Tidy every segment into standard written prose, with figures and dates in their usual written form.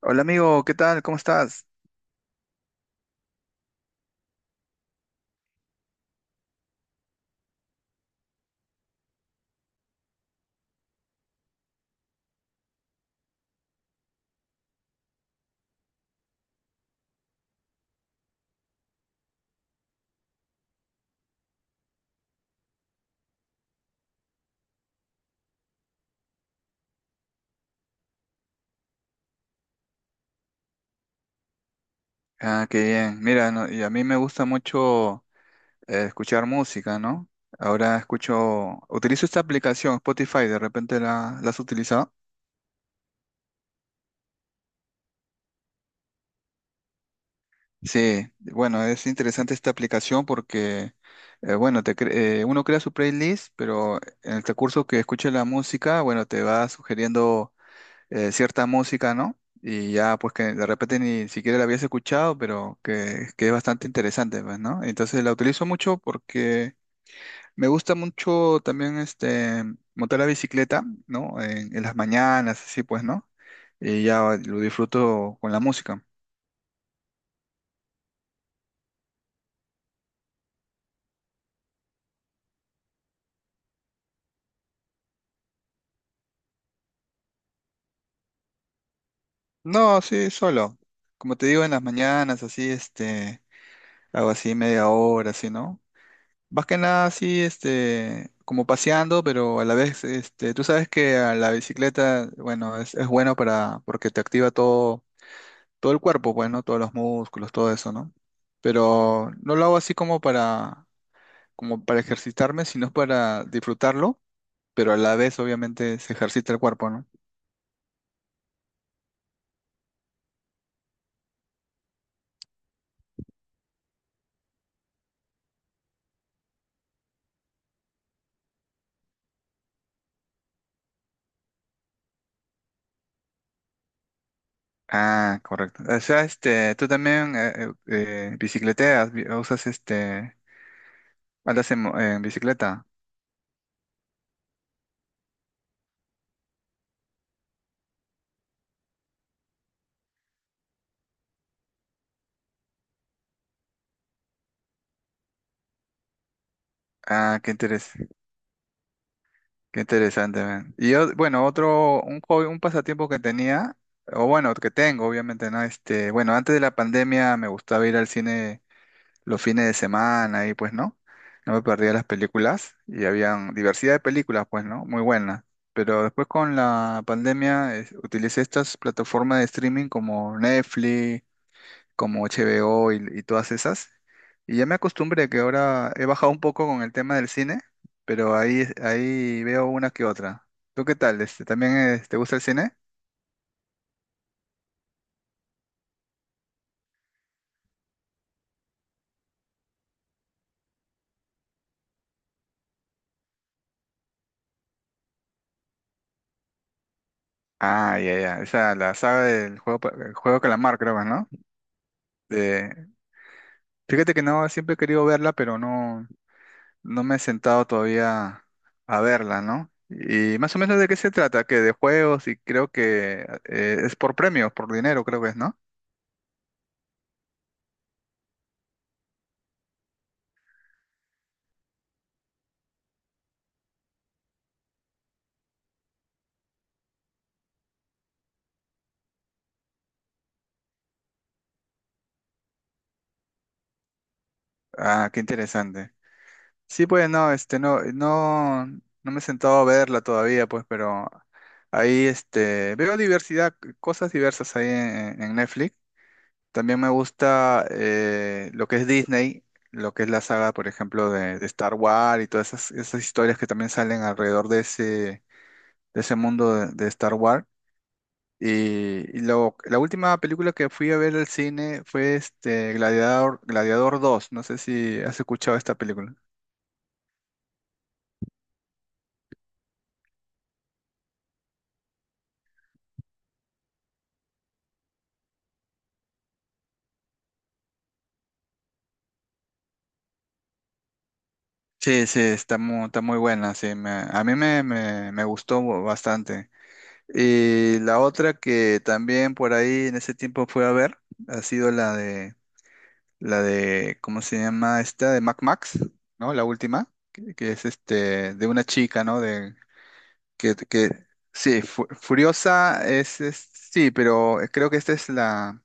Hola amigo, ¿qué tal? ¿Cómo estás? Ah, qué bien. Mira, no, y a mí me gusta mucho escuchar música, ¿no? Ahora escucho, utilizo esta aplicación, Spotify, ¿de repente la has utilizado? Sí, bueno, es interesante esta aplicación porque, bueno, uno crea su playlist, pero en el recurso que escuche la música, bueno, te va sugiriendo cierta música, ¿no? Y ya, pues que de repente ni siquiera la habías escuchado, pero que es bastante interesante, pues, ¿no? Entonces la utilizo mucho porque me gusta mucho también este, montar la bicicleta, ¿no? En las mañanas, así pues, ¿no? Y ya lo disfruto con la música. No, sí, solo. Como te digo, en las mañanas, así, este, hago así media hora, así, ¿no? Más que nada así, este, como paseando, pero a la vez, este, tú sabes que a la bicicleta, bueno, es bueno para, porque te activa todo, todo el cuerpo, bueno, todos los músculos, todo eso, ¿no? Pero no lo hago así como para, como para ejercitarme, sino para disfrutarlo, pero a la vez, obviamente, se ejercita el cuerpo, ¿no? Ah, correcto. O sea, este, tú también bicicleteas, usas este, en bicicleta. Ah, qué interesante. Qué interesante, man. Y yo, bueno, un hobby, un pasatiempo que tenía, o bueno, que tengo, obviamente, ¿no? Este, bueno, antes de la pandemia me gustaba ir al cine los fines de semana y pues, ¿no? No me perdía las películas y habían diversidad de películas, pues, ¿no? Muy buenas. Pero después con la pandemia utilicé estas plataformas de streaming como Netflix, como HBO y todas esas. Y ya me acostumbré que ahora he bajado un poco con el tema del cine, pero ahí veo una que otra. ¿Tú qué tal? Este, ¿también te gusta el cine? Ah, ya, ya. Esa, la saga del juego, el juego Calamar, creo, ¿no? De- fíjate que no, siempre he querido verla, pero no, no me he sentado todavía a verla, ¿no? Y más o menos de qué se trata, que de juegos y creo que es por premios, por dinero, creo que es, ¿no? Ah, qué interesante. Sí, pues no, este, no me he sentado a verla todavía, pues, pero ahí, este, veo diversidad, cosas diversas ahí en Netflix. También me gusta lo que es Disney, lo que es la saga, por ejemplo, de Star Wars y todas esas, esas historias que también salen alrededor de ese mundo de Star Wars. Y la última película que fui a ver al cine fue este Gladiador, Gladiador dos. No sé si has escuchado esta película. Sí, sí, está está muy buena, sí, a mí me gustó bastante. Y la otra que también por ahí en ese tiempo fue a ver, ha sido la de, ¿cómo se llama esta? De Mac Max, ¿no? La última, que es este, de una chica, ¿no? De, que, que, sí, Furiosa es, sí, pero creo que esta es la,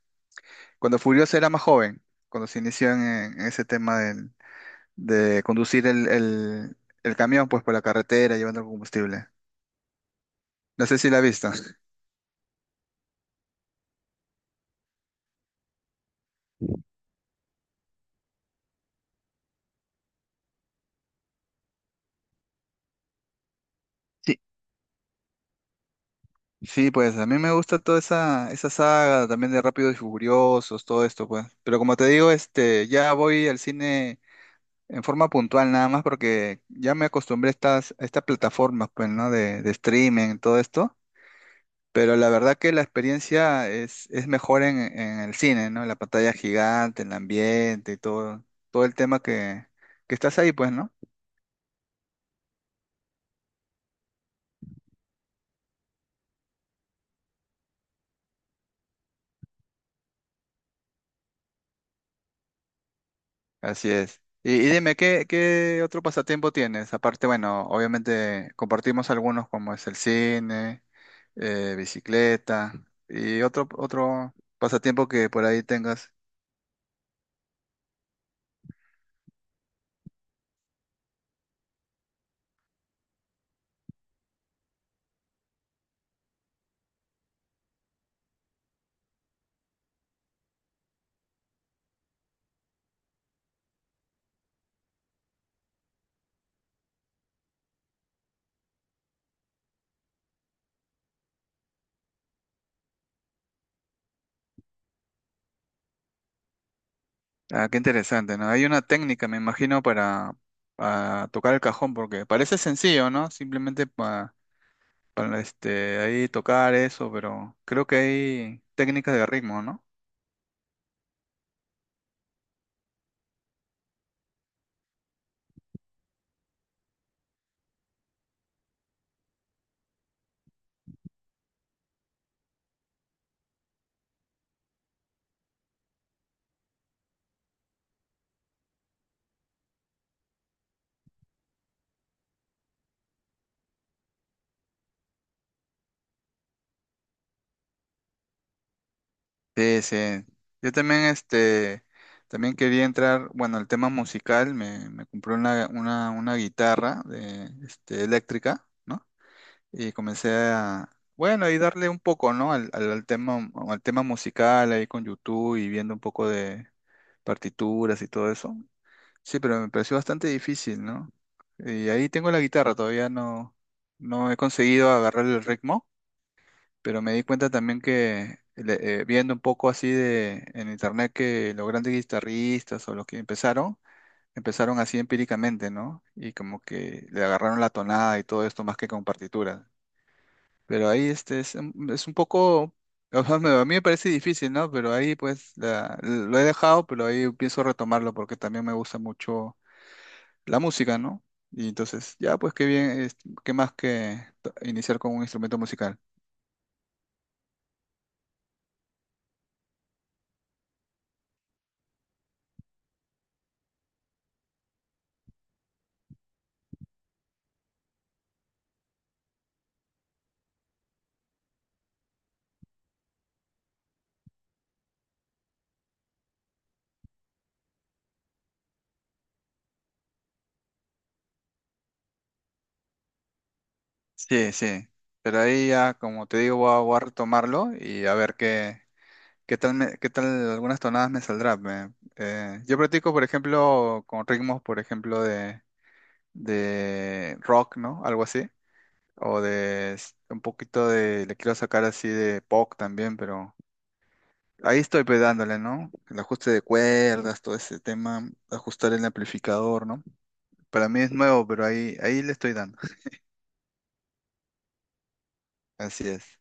cuando Furiosa era más joven, cuando se inició en ese tema de conducir el camión pues por la carretera llevando el combustible. No sé si la has visto. Sí, sí, pues a mí me gusta toda esa, esa saga también de Rápidos y Furiosos, todo esto, pues. Pero como te digo, este, ya voy al cine en forma puntual nada más porque ya me acostumbré a estas plataformas, pues, ¿no? De streaming, todo esto. Pero la verdad que la experiencia es mejor en el cine, ¿no? En la pantalla gigante, en el ambiente y todo, todo el tema que estás ahí, pues, ¿no? Así es. Y dime, ¿qué otro pasatiempo tienes? Aparte, bueno, obviamente compartimos algunos como es el cine, bicicleta y otro pasatiempo que por ahí tengas. Ah, qué interesante, ¿no? Hay una técnica, me imagino, para tocar el cajón, porque parece sencillo, ¿no? Simplemente para este, ahí tocar eso, pero creo que hay técnicas de ritmo, ¿no? Sí, sí. Yo también, este, también quería entrar, bueno, el tema musical, me compré una guitarra de, este, eléctrica, ¿no? Y comencé a, bueno, y darle un poco, ¿no? Al tema musical ahí con YouTube y viendo un poco de partituras y todo eso. Sí, pero me pareció bastante difícil, ¿no? Y ahí tengo la guitarra, todavía no, no he conseguido agarrar el ritmo pero me di cuenta también viendo un poco así de en internet que los grandes guitarristas o los que empezaron, empezaron así empíricamente, ¿no? Y como que le agarraron la tonada y todo esto más que con partituras. Pero ahí este es un poco, o sea, a mí me parece difícil, ¿no? Pero ahí pues lo he dejado, pero ahí pienso retomarlo porque también me gusta mucho la música, ¿no? Y entonces, ya pues qué bien, qué más que iniciar con un instrumento musical. Sí, sí. Pero ahí ya, como te digo, voy a retomarlo y a ver qué, qué tal algunas tonadas me saldrán. Yo practico, por ejemplo, con ritmos, por ejemplo, de rock, ¿no? Algo así. O un poquito de, le quiero sacar así de pop también, pero ahí estoy pedándole, ¿no? El ajuste de cuerdas, todo ese tema, ajustar el amplificador, ¿no? Para mí es nuevo, pero ahí le estoy dando. Así es.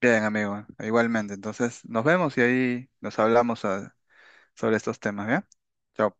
Bien, amigo, igualmente. Entonces, nos vemos y ahí nos hablamos sobre estos temas, ¿bien? Chao.